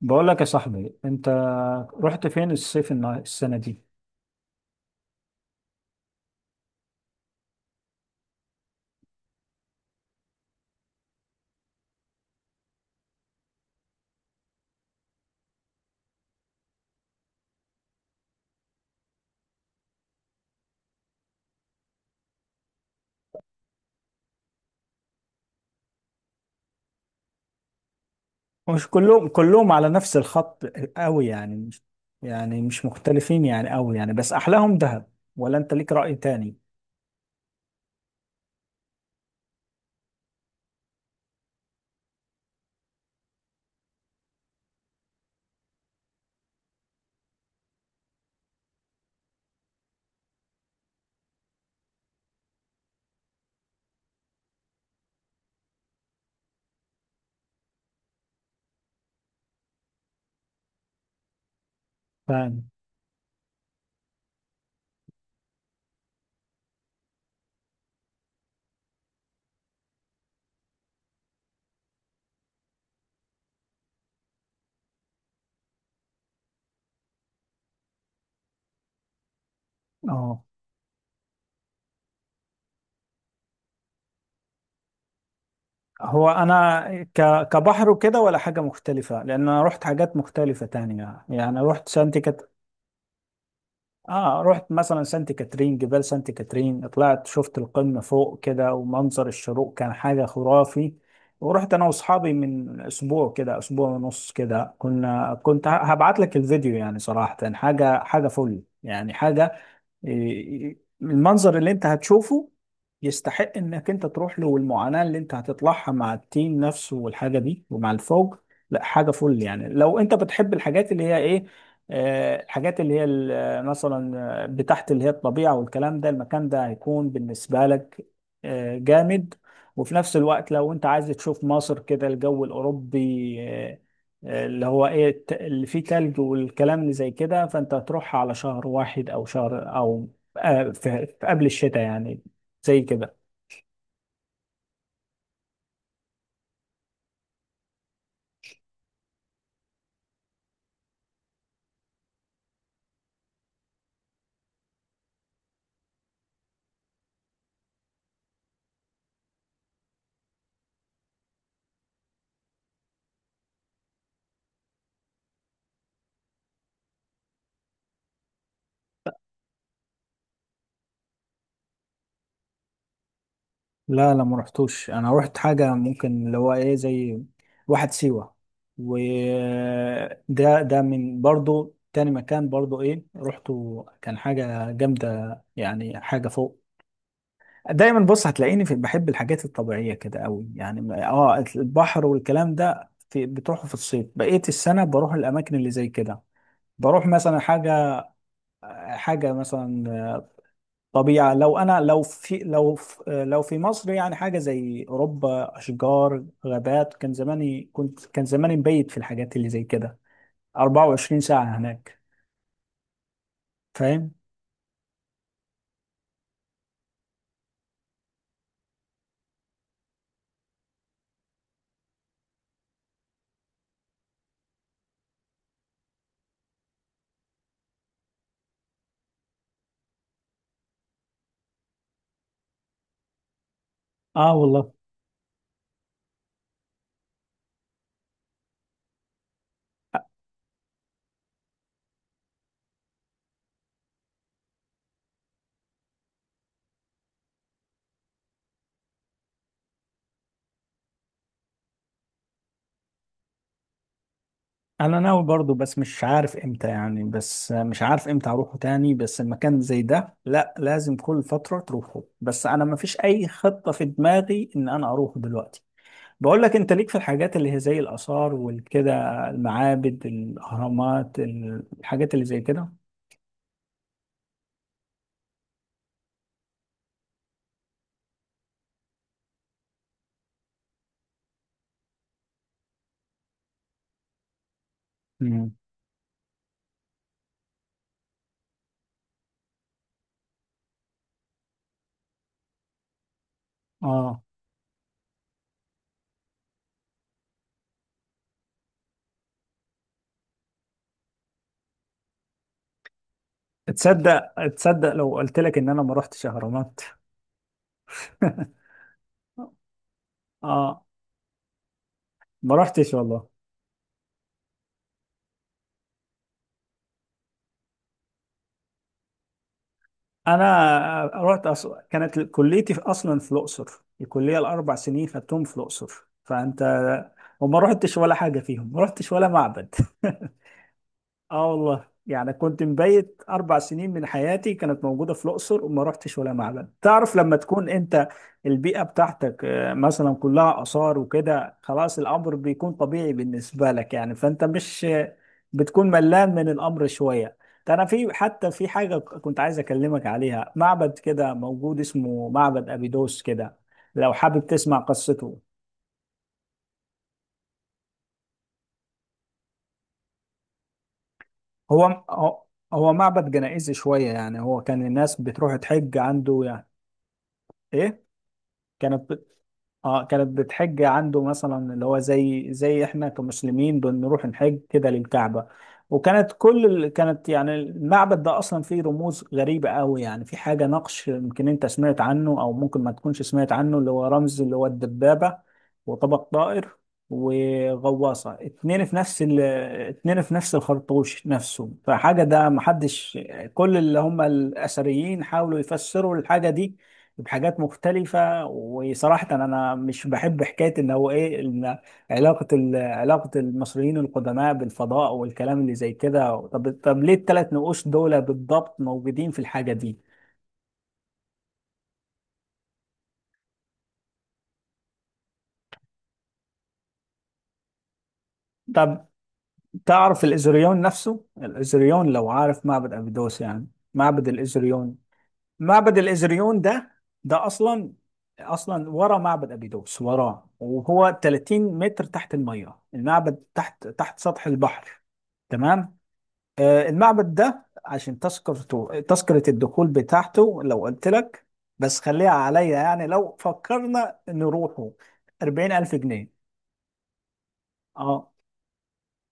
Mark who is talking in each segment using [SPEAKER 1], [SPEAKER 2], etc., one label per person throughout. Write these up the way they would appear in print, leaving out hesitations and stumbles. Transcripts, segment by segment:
[SPEAKER 1] بقول لك يا صاحبي، انت رحت فين الصيف السنة دي؟ مش كلهم على نفس الخط قوي يعني، مش مختلفين يعني قوي يعني. بس احلاهم دهب ولا انت ليك رأي تاني؟ فاهم. اه، هو انا ك... كبحر وكده، ولا حاجة مختلفة لان انا رحت حاجات مختلفة تانية يعني. رحت مثلا سانت كاترين، جبال سانت كاترين، طلعت شفت القمة فوق كده، ومنظر الشروق كان حاجة خرافي. ورحت انا واصحابي من اسبوع كده، اسبوع ونص كده، كنت هبعت لك الفيديو يعني. صراحة حاجة فل يعني، حاجة إيه، المنظر اللي انت هتشوفه يستحق انك انت تروح له، والمعاناة اللي انت هتطلعها مع التيم نفسه والحاجة دي ومع الفوج. لا، حاجة فل يعني. لو انت بتحب الحاجات اللي هي ايه، الحاجات اللي هي مثلا بتاعت اللي هي الطبيعة والكلام ده، المكان ده هيكون بالنسبة لك جامد. وفي نفس الوقت، لو انت عايز تشوف مصر كده الجو الأوروبي، اللي هو ايه اللي فيه تلج والكلام اللي زي كده، فانت هتروح على شهر واحد او شهر او في قبل الشتاء يعني، زي كده. لا، لا، ما رحتوش. انا رحت حاجه ممكن اللي هو ايه، زي واحد سيوه. وده من برضو تاني مكان، برضو ايه، رحته كان حاجه جامده يعني، حاجه فوق. دايما بص هتلاقيني في، بحب الحاجات الطبيعيه كده قوي يعني، اه، البحر والكلام ده. في بتروحوا في الصيف، بقيه السنه بروح الاماكن اللي زي كده. بروح مثلا حاجه مثلا طبيعه. لو انا لو في لو في لو في مصر يعني حاجه زي اوروبا، اشجار، غابات، كان زماني مبيت في الحاجات اللي زي كده 24 ساعه هناك. فاهم. اه والله، انا ناوي برضو، بس مش عارف امتى يعني، بس مش عارف امتى اروحه تاني. بس المكان زي ده، لا، لازم كل فترة تروحه. بس انا ما فيش اي خطة في دماغي ان انا اروحه دلوقتي. بقول لك، انت ليك في الحاجات اللي هي زي الاثار والكده، المعابد، الاهرامات، الحاجات اللي زي كده؟ امم اه تصدق لو قلت لك ان انا ما رحتش اهرامات؟ اه، ما رحتش والله. انا كانت كليتي اصلا في الاقصر. الكليه الاربع سنين خدتهم في الاقصر، فانت. وما رحتش ولا حاجه فيهم، ما رحتش ولا معبد. اه والله، يعني كنت مبيت اربع سنين من حياتي كانت موجوده في الاقصر وما رحتش ولا معبد. تعرف لما تكون انت البيئه بتاعتك مثلا كلها اثار وكده، خلاص الامر بيكون طبيعي بالنسبه لك يعني، فانت مش بتكون ملان من الامر شويه. ده انا حتى في حاجه كنت عايز اكلمك عليها. معبد كده موجود اسمه معبد ابيدوس كده، لو حابب تسمع قصته. هو هو هو معبد جنائزي شويه يعني. هو كان الناس بتروح تحج عنده يعني. ايه، كانت بت... اه كانت بتحج عنده مثلا، اللي هو زي احنا كمسلمين بنروح نحج كده للكعبة. كانت يعني المعبد ده اصلا فيه رموز غريبة قوي يعني. في حاجة نقش، يمكن انت سمعت عنه او ممكن ما تكونش سمعت عنه، اللي هو رمز اللي هو الدبابة وطبق طائر وغواصة، اتنين في نفس الخرطوش نفسه. فحاجة ده محدش. كل اللي هم الأثريين حاولوا يفسروا الحاجة دي بحاجات مختلفة. وصراحة أنا مش بحب حكاية إن هو إيه، إن علاقة المصريين القدماء بالفضاء والكلام اللي زي كده. طب ليه الثلاث نقوش دول بالضبط موجودين في الحاجة دي؟ طب تعرف الإزريون نفسه؟ الإزريون، لو عارف معبد أبيدوس يعني، معبد الإزريون. معبد الإزريون ده، ده أصلا أصلا ورا معبد أبيدوس، وراه. وهو 30 متر تحت المية، المعبد تحت سطح البحر. تمام. المعبد ده، عشان تذكرة الدخول بتاعته، لو قلت لك، بس خليها عليا يعني، لو فكرنا نروحه: 40000 جنيه. اه،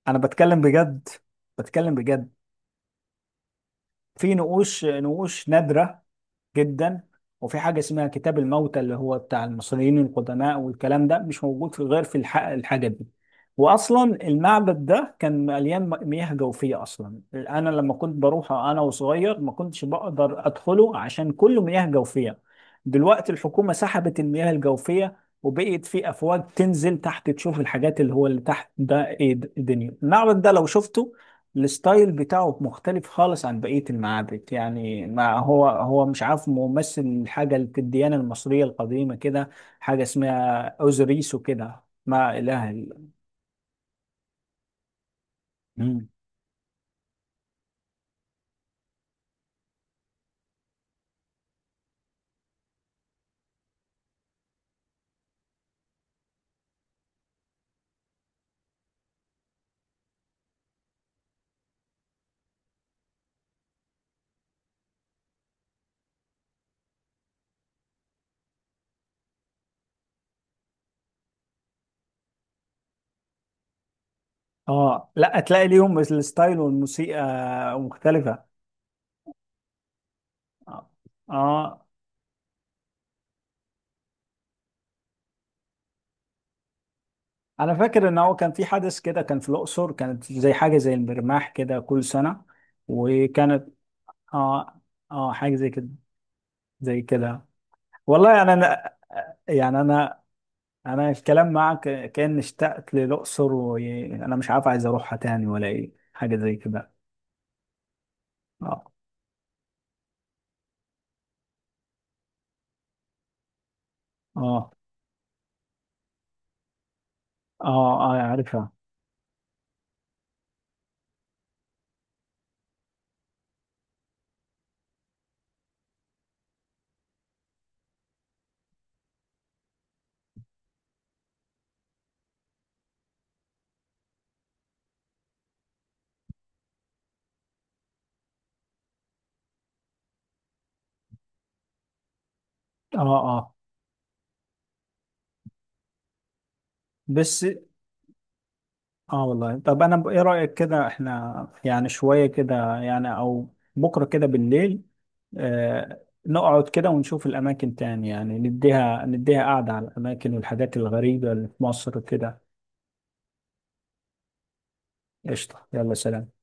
[SPEAKER 1] انا بتكلم بجد، بتكلم بجد. في نقوش نادرة جدا. وفي حاجة اسمها كتاب الموتى، اللي هو بتاع المصريين القدماء والكلام ده، مش موجود في غير في الحاجة دي. وأصلا المعبد ده كان مليان مياه جوفية أصلا. أنا لما كنت بروح أنا وصغير، ما كنتش بقدر أدخله عشان كله مياه جوفية. دلوقتي الحكومة سحبت المياه الجوفية، وبقيت في أفواج تنزل تحت تشوف الحاجات اللي هو اللي تحت ده إيه. الدنيا، المعبد ده لو شفته، الستايل بتاعه مختلف خالص عن بقية المعابد يعني. ما هو مش عارف، ممثل حاجة في الديانة المصرية القديمة كده، حاجة اسمها أوزوريس وكده، ما إله إلا. مم. اه، لا، تلاقي ليهم الستايل والموسيقى مختلفة. اه. آه. انا فاكر ان هو كان في حدث كده، كان في الاقصر، كانت زي حاجة زي المرماح كده كل سنة. وكانت، اه، اه، حاجة زي كده، زي كده. والله انا أنا- يعني انا الكلام معك كان اشتقت للاقصر، وانا مش عارف عايز اروحها تاني ولا ايه، حاجه زي كده. اه، اه، اه، اه، عارفها. اه، اه. بس، اه والله، طب انا ايه رايك كده، احنا يعني شويه كده يعني، او بكره كده بالليل، نقعد كده ونشوف الاماكن تاني يعني، نديها قعده على الاماكن والحاجات الغريبه اللي في مصر كده؟ قشطه، يلا، سلام.